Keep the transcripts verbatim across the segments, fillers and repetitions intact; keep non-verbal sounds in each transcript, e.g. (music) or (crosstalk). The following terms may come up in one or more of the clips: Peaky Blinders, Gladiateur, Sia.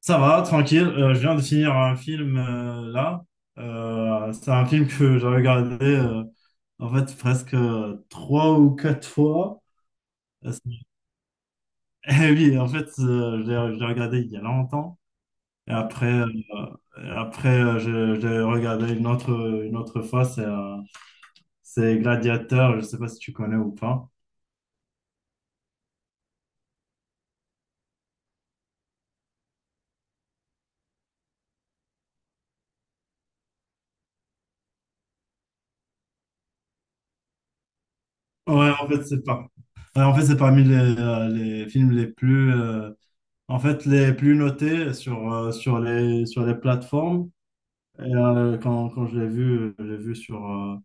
Ça va, tranquille. Euh, je viens de finir un film euh, là. Euh, c'est un film que j'ai regardé euh, en fait presque euh, trois ou quatre fois. Euh, c'est- (laughs) Eh oui, en fait, euh, je l'ai je l'ai regardé il y a longtemps. Et après, euh, et après euh, je, je l'ai regardé une autre, une autre fois. C'est euh, c'est Gladiateur. Je ne sais pas si tu connais ou pas. Ouais, en fait, c'est pas. Ouais, en fait, c'est parmi les, euh, les films les plus, euh, en fait, les plus notés sur, euh, sur les, sur les plateformes. Et, euh, quand, quand je l'ai vu, euh, je l'ai vu sur, euh,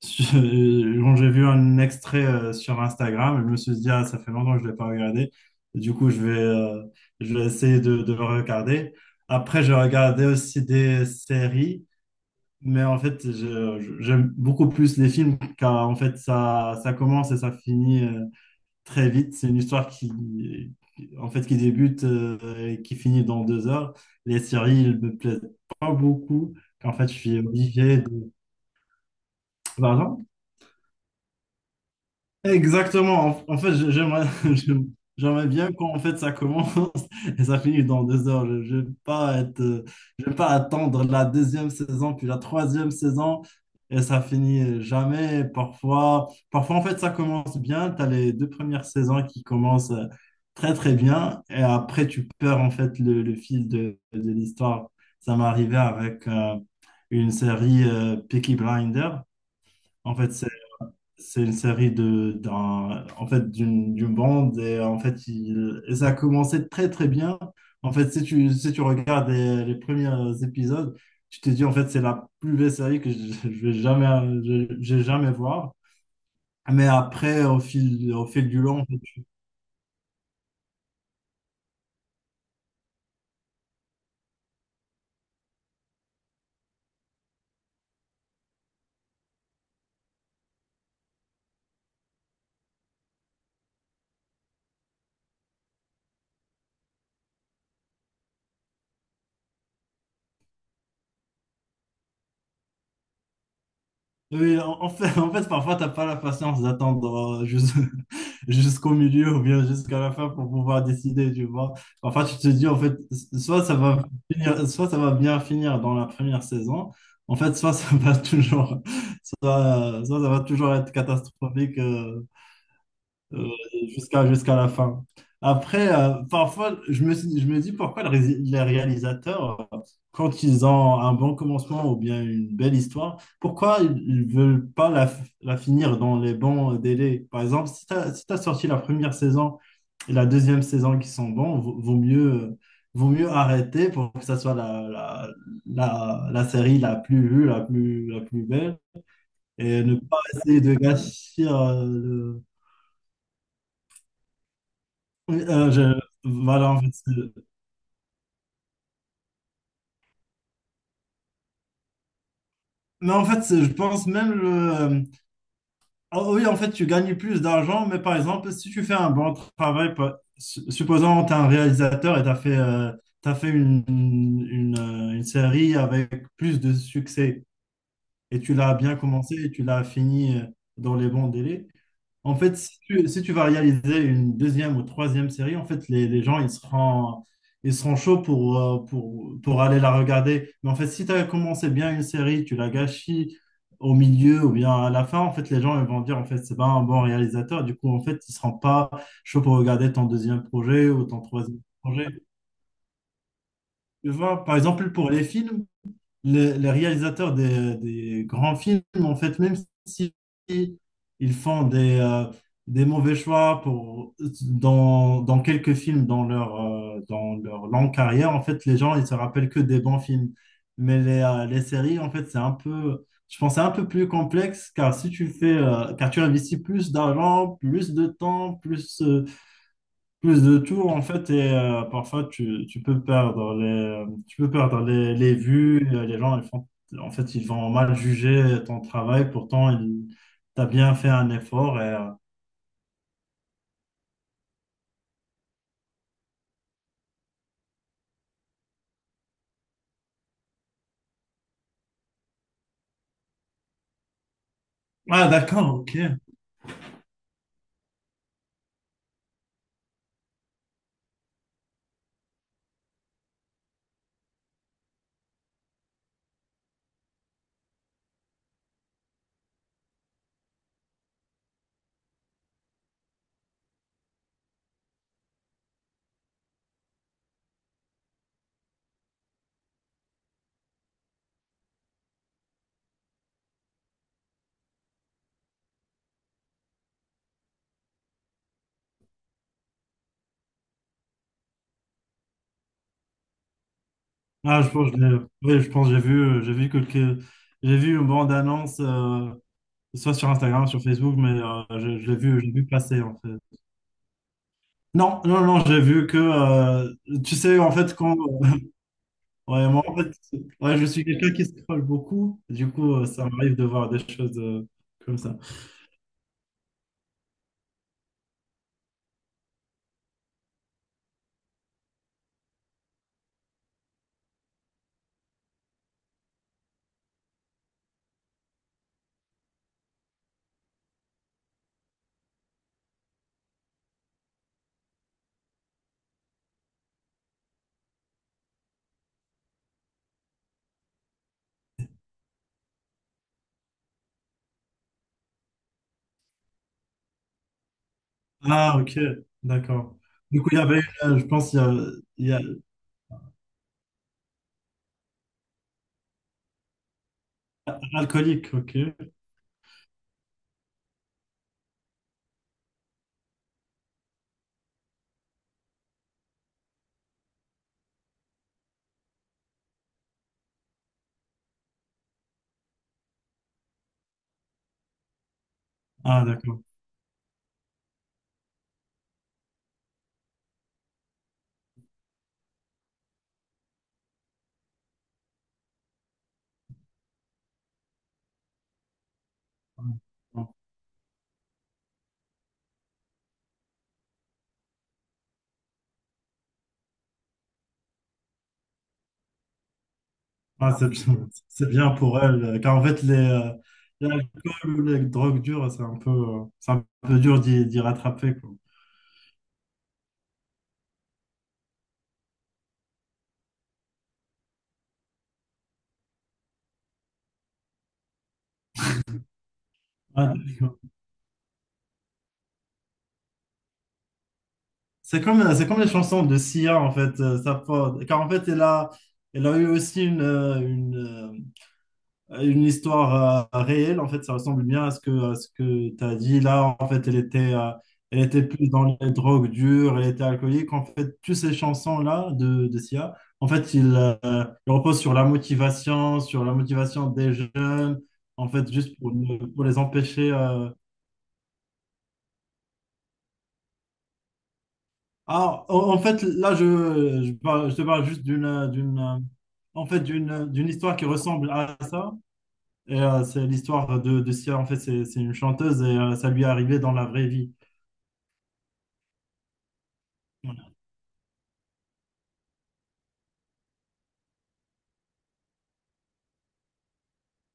(laughs) sur- quand j'ai vu un extrait euh, sur Instagram, je me suis dit, ah, ça fait longtemps que je ne l'ai pas regardé. Du coup, je vais, euh, je vais essayer de, de le regarder. Après, j'ai regardé aussi des séries. Mais en fait, je- je- j'aime beaucoup plus les films car en fait, ça, ça commence et ça finit. euh, très vite. C'est une histoire qui, en fait, qui débute euh, et qui finit dans deux heures. Les séries, elles me plaisent pas beaucoup. En fait, je suis obligé de… Pardon. Exactement. En, en fait, je- j'aimerais (laughs) j'aime- j'aimerais bien quand en fait ça commence (laughs) et ça finit dans deux heures. Je, je vais pas être, euh, je vais pas attendre la deuxième saison puis la troisième saison et ça finit jamais. Parfois, parfois en fait ça commence bien. Tu as les deux premières saisons qui commencent euh, très très bien et après tu perds en fait le, le fil de, de l'histoire. Ça m'est arrivé avec euh, une série euh, Peaky Blinders. En fait, c'est une série de, d'un, en fait, d'une, d'une bande et euh, en fait, il, et ça a commencé très très bien. En fait, si tu, si tu regardes les, les premiers épisodes, tu te dis en fait, c'est la plus belle série que je, je vais jamais, euh, je, je vais jamais voir. Mais après, au fil, au fil du long. Oui, en en fait, (laughs) en fait, parfois, t'as pas la patience d'attendre euh, jus- (laughs) jusqu'au milieu ou bien jusqu'à la fin pour pouvoir décider, tu vois. Parfois, tu te dis, en fait, soit ça va finir- soit ça va bien finir dans la première saison, en fait, soit ça va (laughs) toujours, soit, soit ça va toujours être catastrophique euh, euh, jusqu'à jusqu'à la fin. Après, euh, parfois, je me, je me dis pourquoi le ré- les réalisateurs, euh, quand ils ont un bon commencement ou bien une belle histoire, pourquoi ils ne veulent pas la, f- la finir dans les bons délais? Par exemple, si tu as, si t'as sorti la première saison et la deuxième saison qui sont bons, vaut, vaut mieux, euh, vaut mieux arrêter pour que ça soit la, la, la, la série la plus vue, la plus, la plus belle, et ne pas essayer de gâcher. euh, Oui, euh, je- Voilà, en fait. C'est- Mais en fait, c'est- je pense même le... euh, Ah oui, en fait, tu gagnes plus d'argent, mais par exemple, si tu fais un bon travail, par- su- supposons que tu es un réalisateur et tu as fait, euh, t'as fait une, une, euh, une série avec plus de succès et tu l'as bien commencé et tu l'as fini euh, dans les bons délais. En fait, si tu, si tu vas réaliser une deuxième ou troisième série, en fait, les, les gens, ils seront, ils seront chauds pour, euh, pour, pour aller la regarder. Mais en fait, si tu as commencé bien une série, tu la gâchis au milieu ou bien à la fin, en fait, les gens, ils vont dire, en fait, c'est pas un bon réalisateur. Du coup, en fait, ils seront pas chauds pour regarder ton deuxième projet ou ton troisième projet. Tu vois, par exemple, pour les films, les, les réalisateurs des, des grands films, en fait, même si ils font des, euh, des mauvais choix pour, dans, dans quelques films dans leur, euh, dans leur longue carrière, en fait, les gens, ils se rappellent que des bons films. Mais les, euh, les séries, en fait, c'est un peu, je pense, que c'est un peu plus complexe, car si tu fais, euh, car tu investis plus d'argent, plus de temps, plus euh, plus de tout en fait et euh, parfois tu, tu peux perdre les tu peux perdre les, les vues euh, les gens ils font en fait ils vont mal juger ton travail pourtant ils t'as bien fait un effort et euh, ah d'accord, ok. Ah je pense que je l'ai- oui, je pense que j'ai vu j'ai vu quelques j'ai vu une bande annonce euh, soit sur Instagram sur Facebook mais euh, je, je l'ai vu je l'ai vu passer en fait non non non j'ai vu que euh, tu sais en fait quand. Ouais, moi, en fait, c'est- ouais, je suis quelqu'un qui scrolle beaucoup. Du coup, euh, ça m'arrive de voir des choses euh, comme ça. Ah, ok, d'accord. Du coup, il y avait une, euh, je pense, il y a, il y a un alcoolique, ok. Ah, d'accord. Ah, ah, c'est bien, c'est bien pour elle. euh, Car en fait, les, euh, l'alcool ou les drogues dures, c'est un peu, euh, c'est un peu dur d'y d'y rattraper, quoi. Ah, d'accord. C'est comme, euh, c'est comme les chansons de Sia, en fait. euh, Ça, porte- car en fait, elle a, elle a eu aussi une… Euh, une histoire euh, réelle, en fait, ça ressemble bien à ce que, à ce que tu as dit. Là, en fait, elle était, euh, elle était plus dans les drogues dures, elle était alcoolique. En fait, toutes ces chansons-là de, de Sia, en fait, il, euh, il repose sur la motivation, sur la motivation des jeunes, en fait, juste pour, ne- pour les empêcher. euh. Ah, en en fait, là, je, je, parle- je te parle juste d'une, d'une, euh, en fait, d'une, d'une histoire qui ressemble à ça. Et euh, c'est l'histoire de, de Sia, en fait, c'est c'est une chanteuse et euh, ça lui est arrivé dans la vraie vie. Voilà.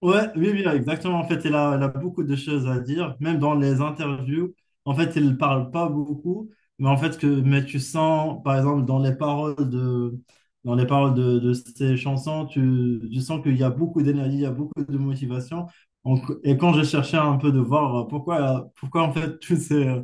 Ouais, oui, oui, exactement. En fait, elle a, elle a beaucoup de choses à dire, même dans les interviews. En fait, elle ne parle pas beaucoup, mais en fait, que, mais tu sens, par exemple, dans les paroles de, dans les paroles de, de ses chansons, tu, tu sens qu'il y a beaucoup d'énergie, il y a beaucoup de motivation. Donc, et quand j'ai cherché un peu de voir euh, pourquoi, pourquoi en fait, (laughs) tous ces,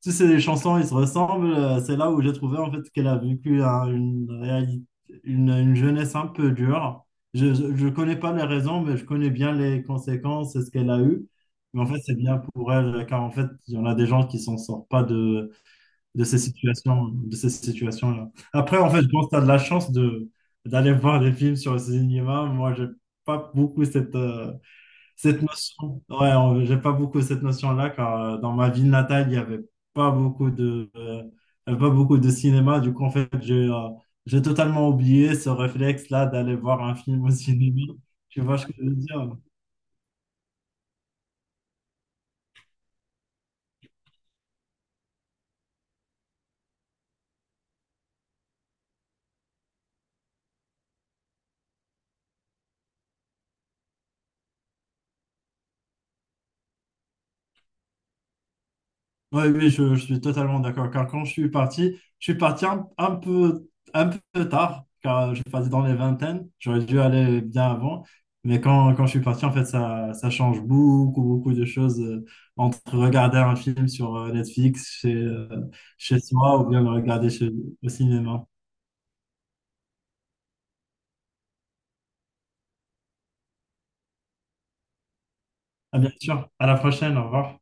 si c'est des chansons, ils se ressemblent. euh, C'est là où j'ai trouvé en fait qu'elle a vécu un- une réalité, une, une jeunesse un peu dure. Je ne connais pas les raisons, mais je connais bien les conséquences et ce qu'elle a eu. Mais en fait, c'est bien pour elle, car en fait, il y en a des gens qui s'en sortent pas de, de ces situations, de ces situations-là. Après, en fait, je pense que tu as de la chance de, d'aller voir des films sur le cinéma. Moi, j'ai pas beaucoup cette, euh, cette notion, ouais, on- j'ai pas beaucoup cette notion-là, car euh, dans ma ville natale, il y avait pas beaucoup de, euh, il y avait pas beaucoup de cinéma. Du coup, en fait, j'ai euh, j'ai totalement oublié ce réflexe-là d'aller voir un film au cinéma. Tu vois ce que je veux dire? Oui, oui, je, je suis totalement d'accord. Car quand je suis parti, je suis parti un, un peu, un peu tard, car je suis parti dans les vingtaines. J'aurais dû aller bien avant. Mais quand, quand je suis parti, en fait, ça, ça change beaucoup, beaucoup de choses euh, entre regarder un film sur euh, Netflix chez, euh, chez soi ou bien le regarder chez, au cinéma. À bien sûr. À la prochaine. Au revoir.